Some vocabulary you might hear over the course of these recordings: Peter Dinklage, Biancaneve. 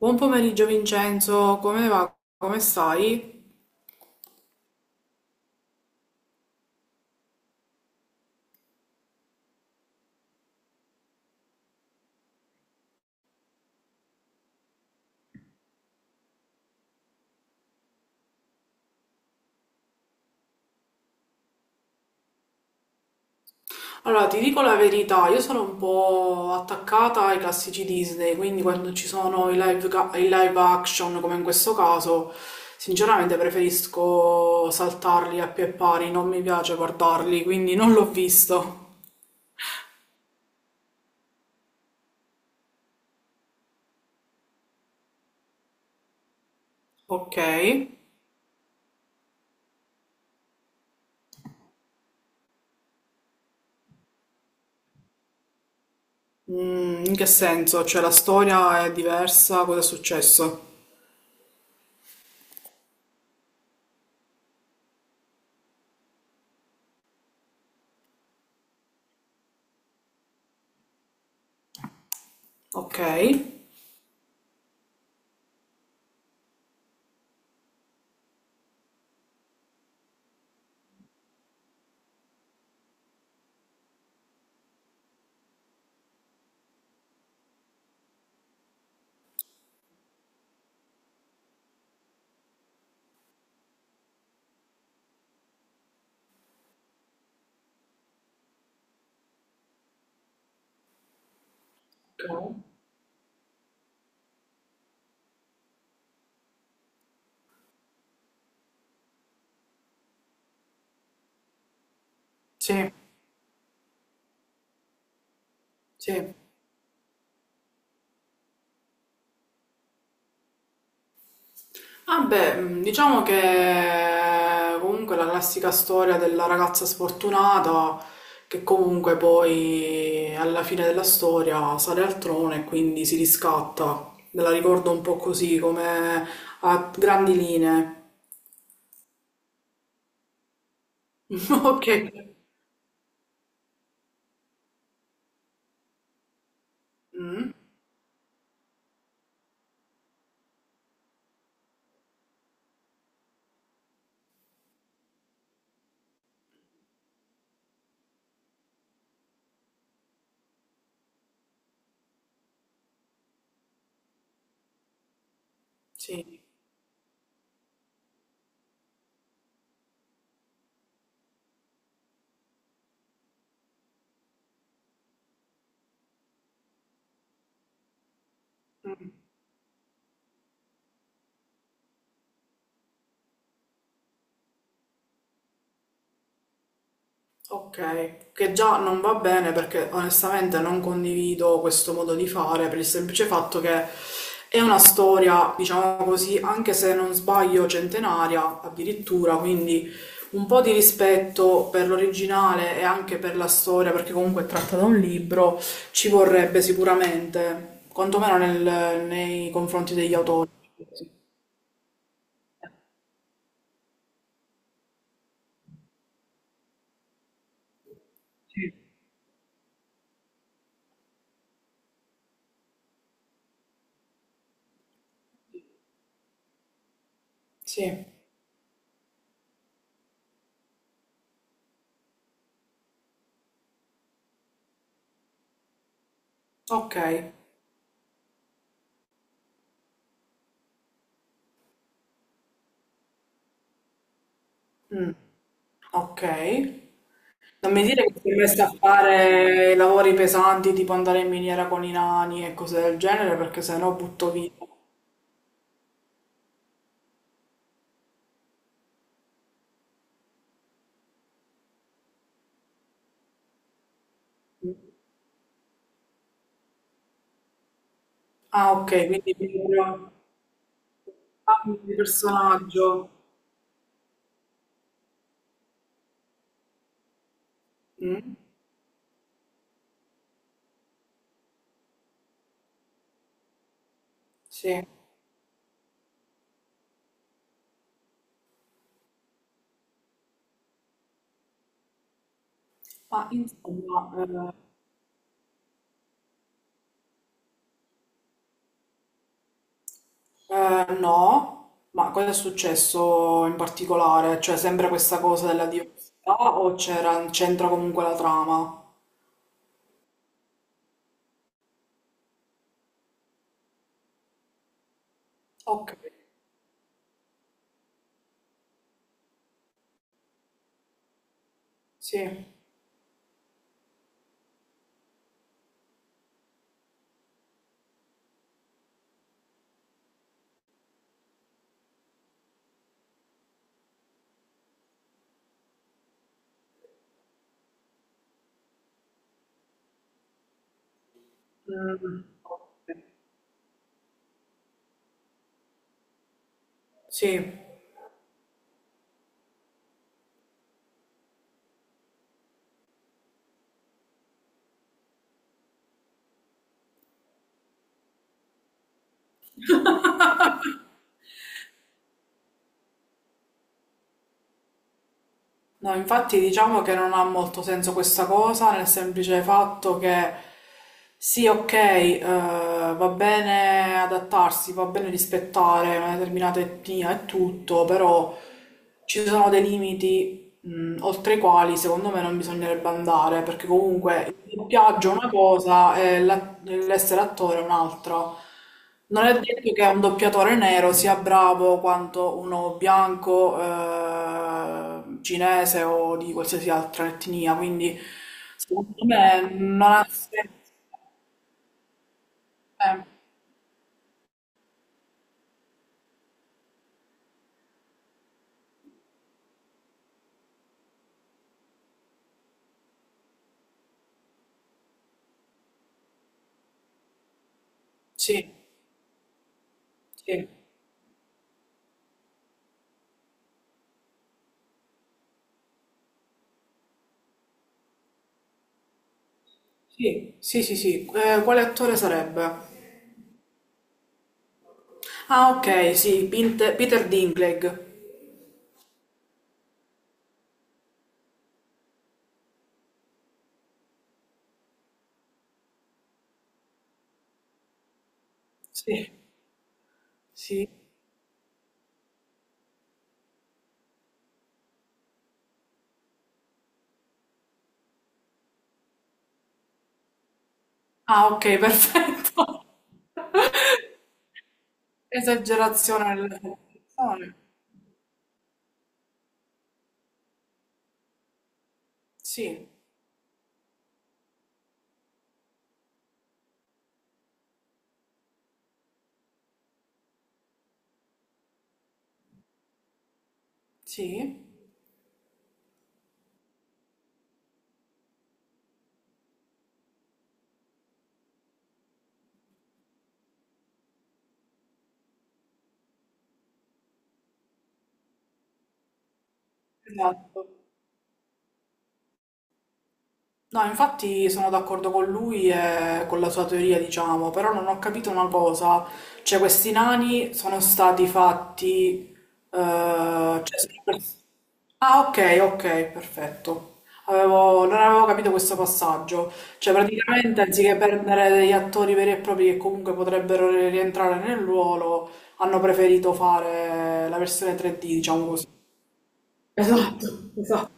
Buon pomeriggio Vincenzo, come va? Come stai? Allora, ti dico la verità, io sono un po' attaccata ai classici Disney, quindi quando ci sono i live, i live action, come in questo caso, sinceramente preferisco saltarli a pie pari, non mi piace guardarli, quindi non l'ho visto. Ok. Mm, in che senso? Cioè la storia è diversa, cosa è successo? Ok. Ok. Sì, sì. Ah beh, diciamo che comunque la classica storia della ragazza sfortunata che comunque poi alla fine della storia sale al trono e quindi si riscatta. Me la ricordo un po' così, come a grandi linee. Ok. Mm, sì. Mm. Ok, che già non va bene perché onestamente non condivido questo modo di fare per il semplice fatto che è una storia, diciamo così, anche se non sbaglio, centenaria addirittura, quindi un po' di rispetto per l'originale e anche per la storia, perché comunque è tratta da un libro, ci vorrebbe sicuramente, quantomeno nei confronti degli autori. Sì, sì. Ok. Mm, ok. Non mi dire che si è messa a fare lavori pesanti tipo andare in miniera con i nani e cose del genere perché sennò butto via. Ah, ok, quindi proprio cambio di personaggio. Mm, sì, ma insomma, no, ma cosa è successo in particolare? Cioè, sempre questa cosa della diversità o c'era, c'entra comunque la trama? Ok, sì. Mm, ok. Sì. No, infatti diciamo che non ha molto senso questa cosa, nel semplice fatto che sì, ok, va bene adattarsi, va bene rispettare una determinata etnia e tutto, però ci sono dei limiti, oltre i quali secondo me non bisognerebbe andare, perché comunque il doppiaggio è una cosa e l'essere attore è un'altra. Non è detto che un doppiatore nero sia bravo quanto uno bianco, cinese o di qualsiasi altra etnia, quindi secondo me non ha senso. Eh, sì, sì, sì, sì, sì, sì. Quale attore sarebbe? Ah, ok, sì, Peter Dinklage. Sì, sì. Ah, ok, perfetto. Esagerazione delle proporzioni. Sì, sì, esatto. No, infatti sono d'accordo con lui e con la sua teoria, diciamo, però non ho capito una cosa, cioè questi nani sono stati fatti... cioè, ah, ok, ok, perfetto. Non avevo capito questo passaggio, cioè praticamente anziché prendere degli attori veri e propri che comunque potrebbero rientrare nel ruolo, hanno preferito fare la versione 3D, diciamo così. Esatto, esatto.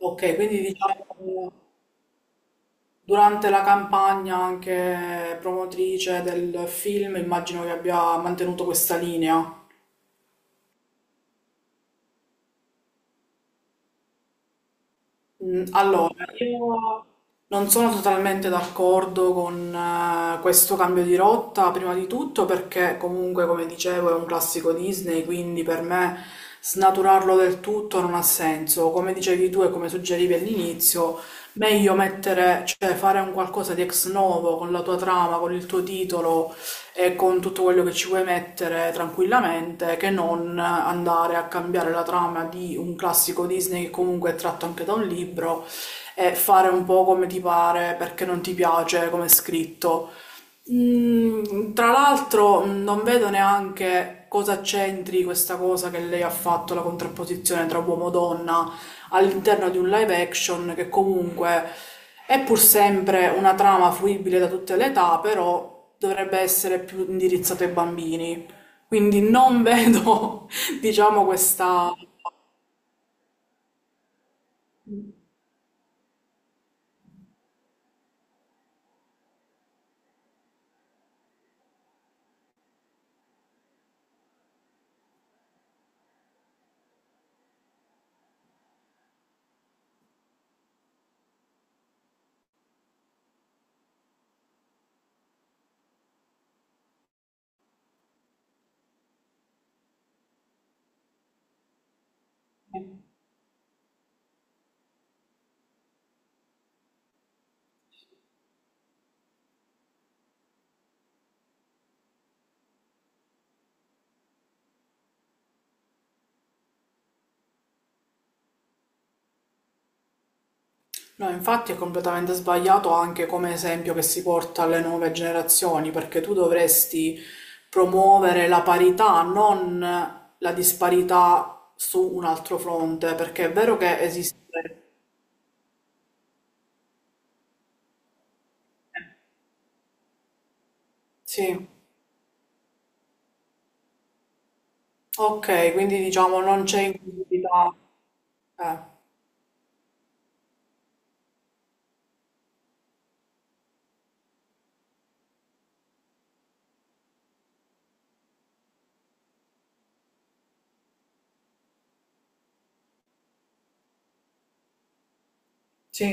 Ok, quindi diciamo... Durante la campagna anche promotrice del film, immagino che abbia mantenuto questa linea. Mm, allora, io non sono totalmente d'accordo con questo cambio di rotta, prima di tutto perché comunque, come dicevo, è un classico Disney, quindi per me snaturarlo del tutto non ha senso. Come dicevi tu e come suggerivi all'inizio, meglio mettere, cioè fare un qualcosa di ex novo con la tua trama, con il tuo titolo e con tutto quello che ci puoi mettere tranquillamente che non andare a cambiare la trama di un classico Disney che comunque è tratto anche da un libro e fare un po' come ti pare perché non ti piace come è scritto. Mm, tra l'altro mm, non vedo neanche cosa c'entri questa cosa che lei ha fatto, la contrapposizione tra uomo e donna all'interno di un live action che comunque è pur sempre una trama fruibile da tutte le età, però dovrebbe essere più indirizzato ai bambini. Quindi non vedo, diciamo, questa. No, infatti è completamente sbagliato anche come esempio che si porta alle nuove generazioni, perché tu dovresti promuovere la parità, non la disparità su un altro fronte, perché è vero che esiste. Sì, ok, quindi diciamo non c'è inclusività. Eh, sì,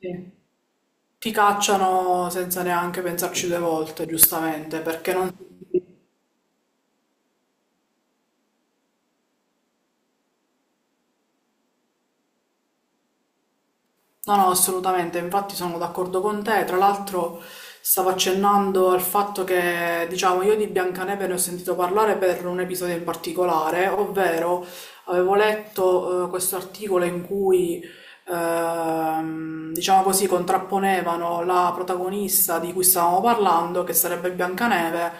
sì. Ti cacciano senza neanche pensarci due volte, giustamente, perché non... No, no, assolutamente, infatti sono d'accordo con te. Tra l'altro stavo accennando al fatto che, diciamo, io di Biancaneve ne ho sentito parlare per un episodio in particolare, ovvero avevo letto questo articolo in cui, diciamo così, contrapponevano la protagonista di cui stavamo parlando, che sarebbe Biancaneve,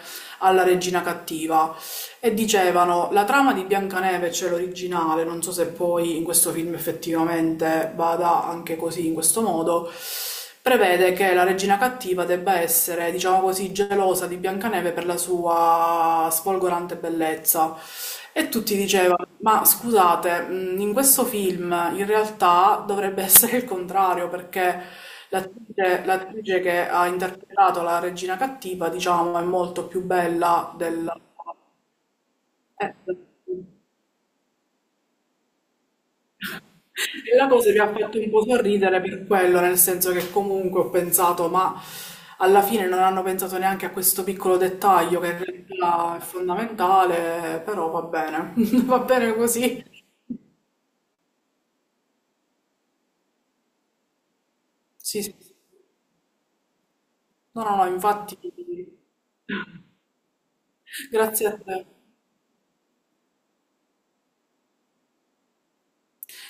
alla regina cattiva. E dicevano, la trama di Biancaneve, c'è l'originale, non so se poi in questo film effettivamente vada anche così, in questo modo, prevede che la regina cattiva debba essere, diciamo così, gelosa di Biancaneve per la sua sfolgorante bellezza. E tutti dicevano, ma scusate, in questo film in realtà dovrebbe essere il contrario, perché l'attrice che ha interpretato la regina cattiva, diciamo, è molto più bella della eh. E la cosa mi ha fatto un po' sorridere per quello, nel senso che comunque ho pensato, ma alla fine non hanno pensato neanche a questo piccolo dettaglio che in realtà è fondamentale, però va bene, va bene così. Sì, sì. No, no, no, infatti, grazie a te.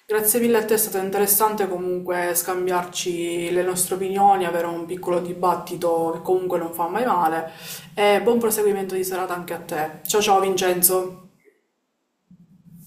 Grazie mille a te, è stato interessante comunque scambiarci le nostre opinioni, avere un piccolo dibattito che comunque non fa mai male e buon proseguimento di serata anche a te. Ciao ciao Vincenzo!